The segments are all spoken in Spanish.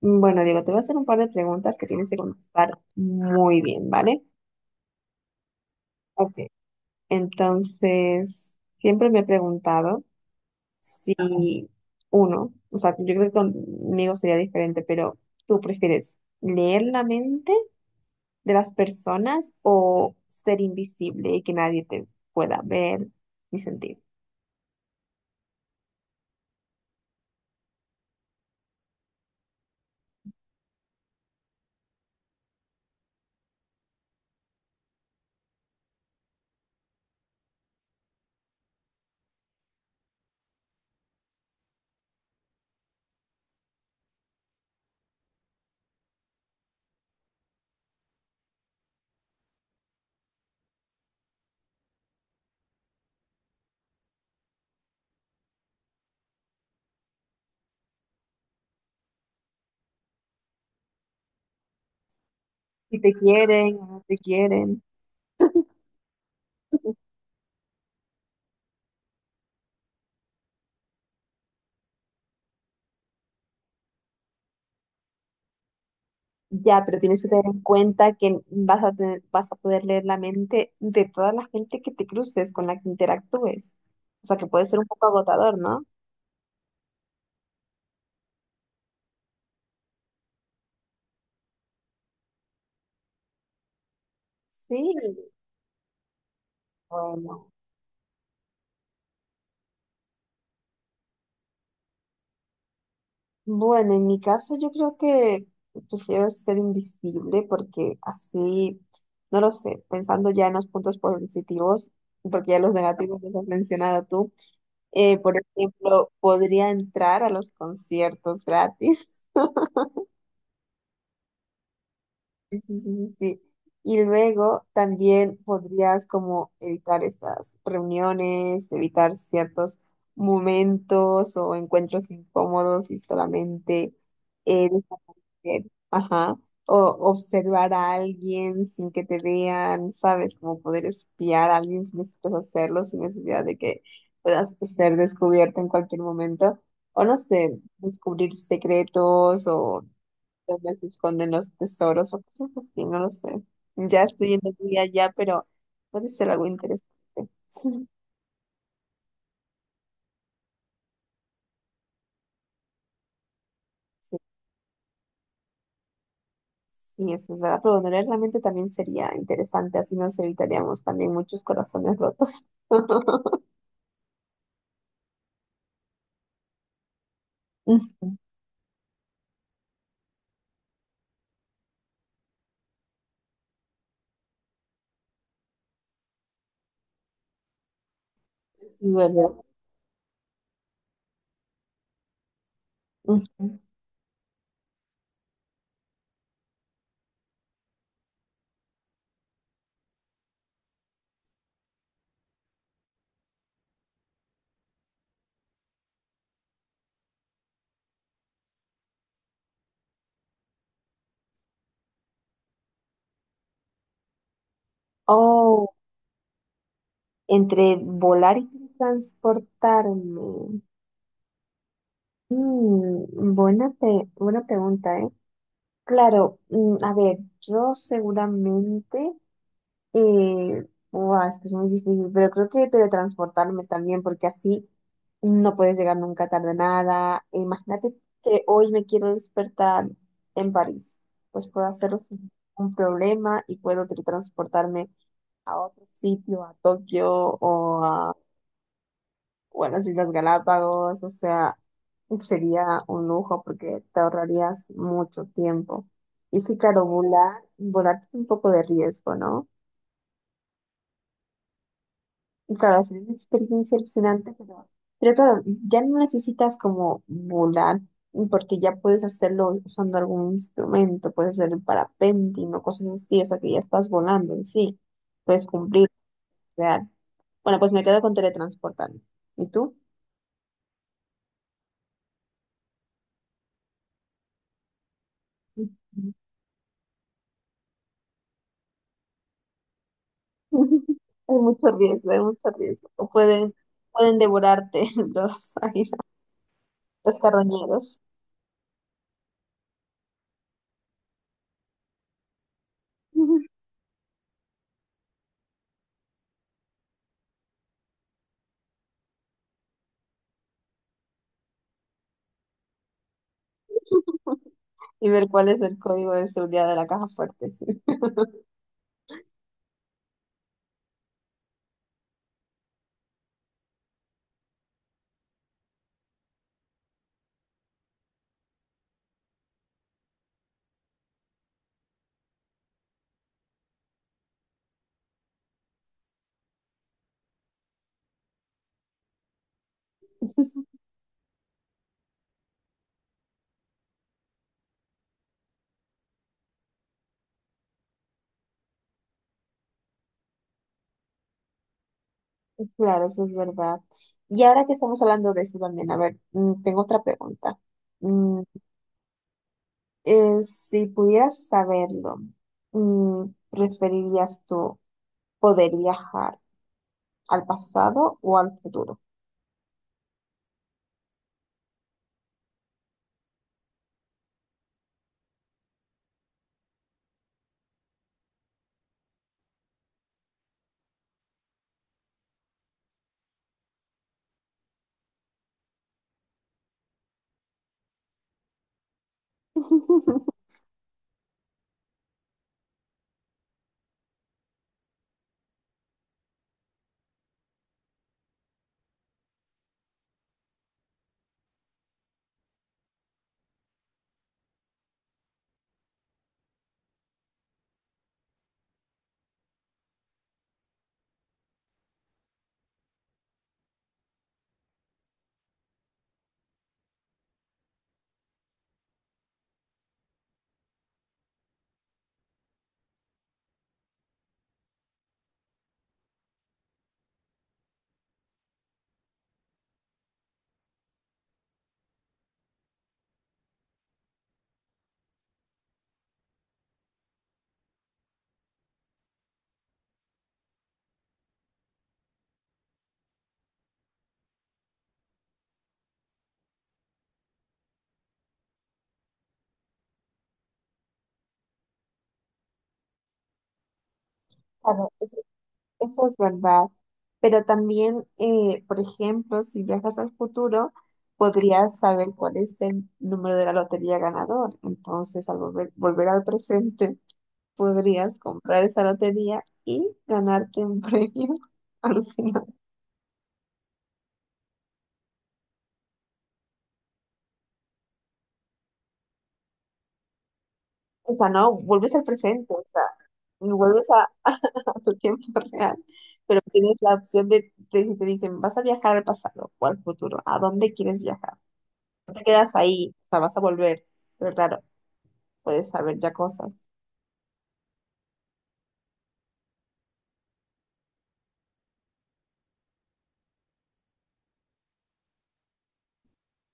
Bueno, Diego, te voy a hacer un par de preguntas que tienes que contestar muy bien, ¿vale? Ok, entonces, siempre me he preguntado si uno, o sea, yo creo que conmigo sería diferente, pero ¿tú prefieres leer la mente de las personas o ser invisible y que nadie te pueda ver ni sentir? Si te quieren o no te quieren. Ya, pero tienes que tener en cuenta que vas a poder leer la mente de toda la gente que te cruces, con la que interactúes. O sea, que puede ser un poco agotador, ¿no? Sí, bueno. Bueno, en mi caso yo creo que prefiero ser invisible porque así, no lo sé, pensando ya en los puntos positivos, porque ya los negativos los has mencionado tú, por ejemplo, podría entrar a los conciertos gratis. Sí, sí, sí, sí, sí. Y luego también podrías como evitar estas reuniones, evitar ciertos momentos o encuentros incómodos y solamente desaparecer. Ajá. O observar a alguien sin que te vean, ¿sabes? Como poder espiar a alguien si necesitas hacerlo, sin necesidad de que puedas ser descubierto en cualquier momento. O no sé, descubrir secretos o donde se esconden los tesoros o cosas así, no lo sé. Ya estoy yendo muy allá, pero puede ser algo interesante. Sí, sí, eso es verdad. Pero donar realmente también sería interesante, así nos evitaríamos también muchos corazones rotos. Mm, sí, ¿verdad? Ujú. Oh, entre volar y transportarme. Mm, buena pregunta, ¿eh? Claro, mm, a ver, yo seguramente. Buah, es que es muy difícil, pero creo que teletransportarme también, porque así no puedes llegar nunca tarde a nada. E imagínate que hoy me quiero despertar en París, pues puedo hacerlo sin ningún problema y puedo teletransportarme a otro sitio, a Tokio o a, bueno, las Islas Galápagos, o sea, sería un lujo porque te ahorrarías mucho tiempo. Y sí, claro, volar, volar tiene un poco de riesgo, ¿no? Claro, es una experiencia alucinante, pero claro, ya no necesitas como volar, porque ya puedes hacerlo usando algún instrumento, puedes hacer el parapente, no cosas así, o sea que ya estás volando y sí, puedes cumplir, real. Bueno, pues me quedo con teletransportarme. ¿Y tú? Ujú. Hay mucho riesgo, hay mucho riesgo. O puedes, pueden devorarte los, ahí, los carroñeros y ver cuál es el código de seguridad de la caja fuerte, sí. Claro, eso es verdad. Y ahora que estamos hablando de eso también, a ver, mm, tengo otra pregunta. Mm, si pudieras saberlo, mm, ¿preferirías tú poder viajar al pasado o al futuro? Claro, eso es verdad. Pero también, por ejemplo, si viajas al futuro, podrías saber cuál es el número de la lotería ganador. Entonces, al volver, volver al presente, podrías comprar esa lotería y ganarte un premio alucinante. O sea, no, vuelves al presente, o sea, y vuelves a, a tu tiempo real, pero tienes la opción de si te dicen, vas a viajar al pasado o al futuro, ¿a dónde quieres viajar? No te quedas ahí, o sea, vas a volver, pero claro, puedes saber ya cosas.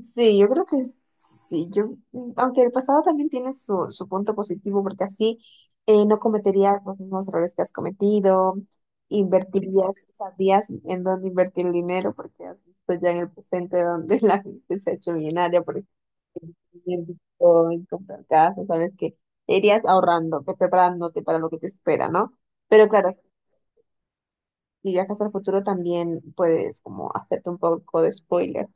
Sí, yo creo que sí, yo, aunque el pasado también tiene su, su punto positivo, porque así no cometerías los mismos errores que has cometido, invertirías, sabrías en dónde invertir el dinero, porque has visto ya en el presente donde la gente se ha hecho millonaria, por ejemplo, en Bitcoin, comprar casas, sabes que te irías ahorrando, preparándote para lo que te espera, ¿no? Pero claro, si viajas al futuro también puedes como hacerte un poco de spoiler.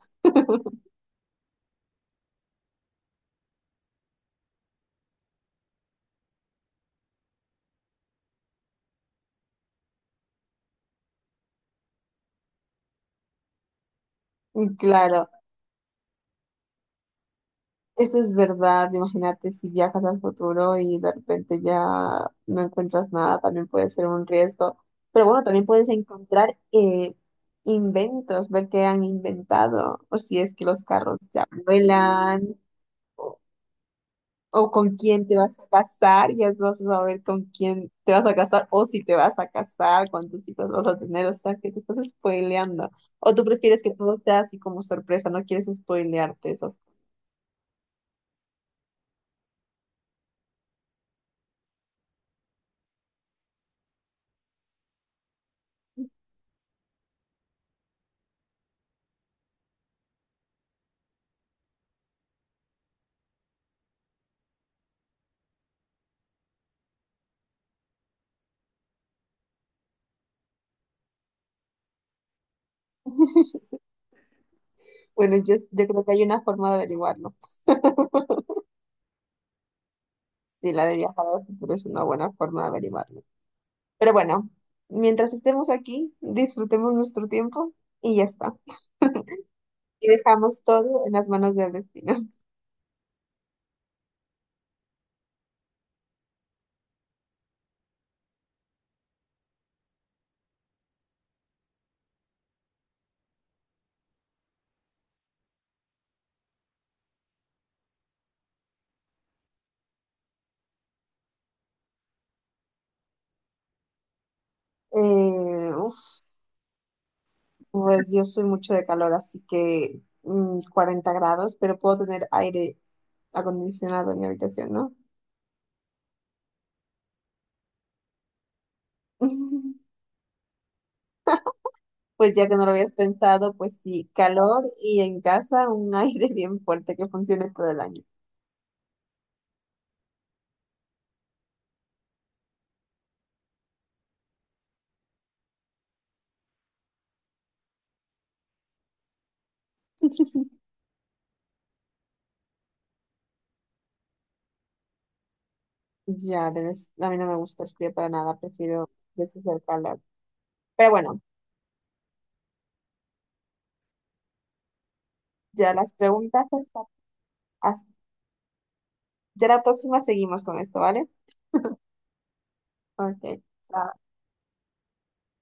Claro, eso es verdad, imagínate si viajas al futuro y de repente ya no encuentras nada, también puede ser un riesgo. Pero bueno, también puedes encontrar inventos, ver qué han inventado, o si es que los carros ya vuelan, o con quién te vas a casar, ya vas a saber con quién te vas a casar, o si te vas a casar, cuántos hijos vas a tener, o sea, que te estás spoileando. O tú prefieres que todo sea así como sorpresa, no quieres spoilearte esas. Bueno, yo creo que hay una forma de averiguarlo. Sí, la de viajar al futuro es una buena forma de averiguarlo. Pero bueno, mientras estemos aquí, disfrutemos nuestro tiempo y ya está. Y dejamos todo en las manos del destino. Uf, pues yo soy mucho de calor, así que mm, 40 grados, pero puedo tener aire acondicionado en mi habitación, ¿no? Pues ya que no lo habías pensado, pues sí, calor y en casa un aire bien fuerte que funcione todo el año. Ya, debes, a mí no me gusta el frío para nada, prefiero veces el calor. Pero bueno, ya las preguntas hasta- ya la próxima seguimos con esto, ¿vale? Ok, chao.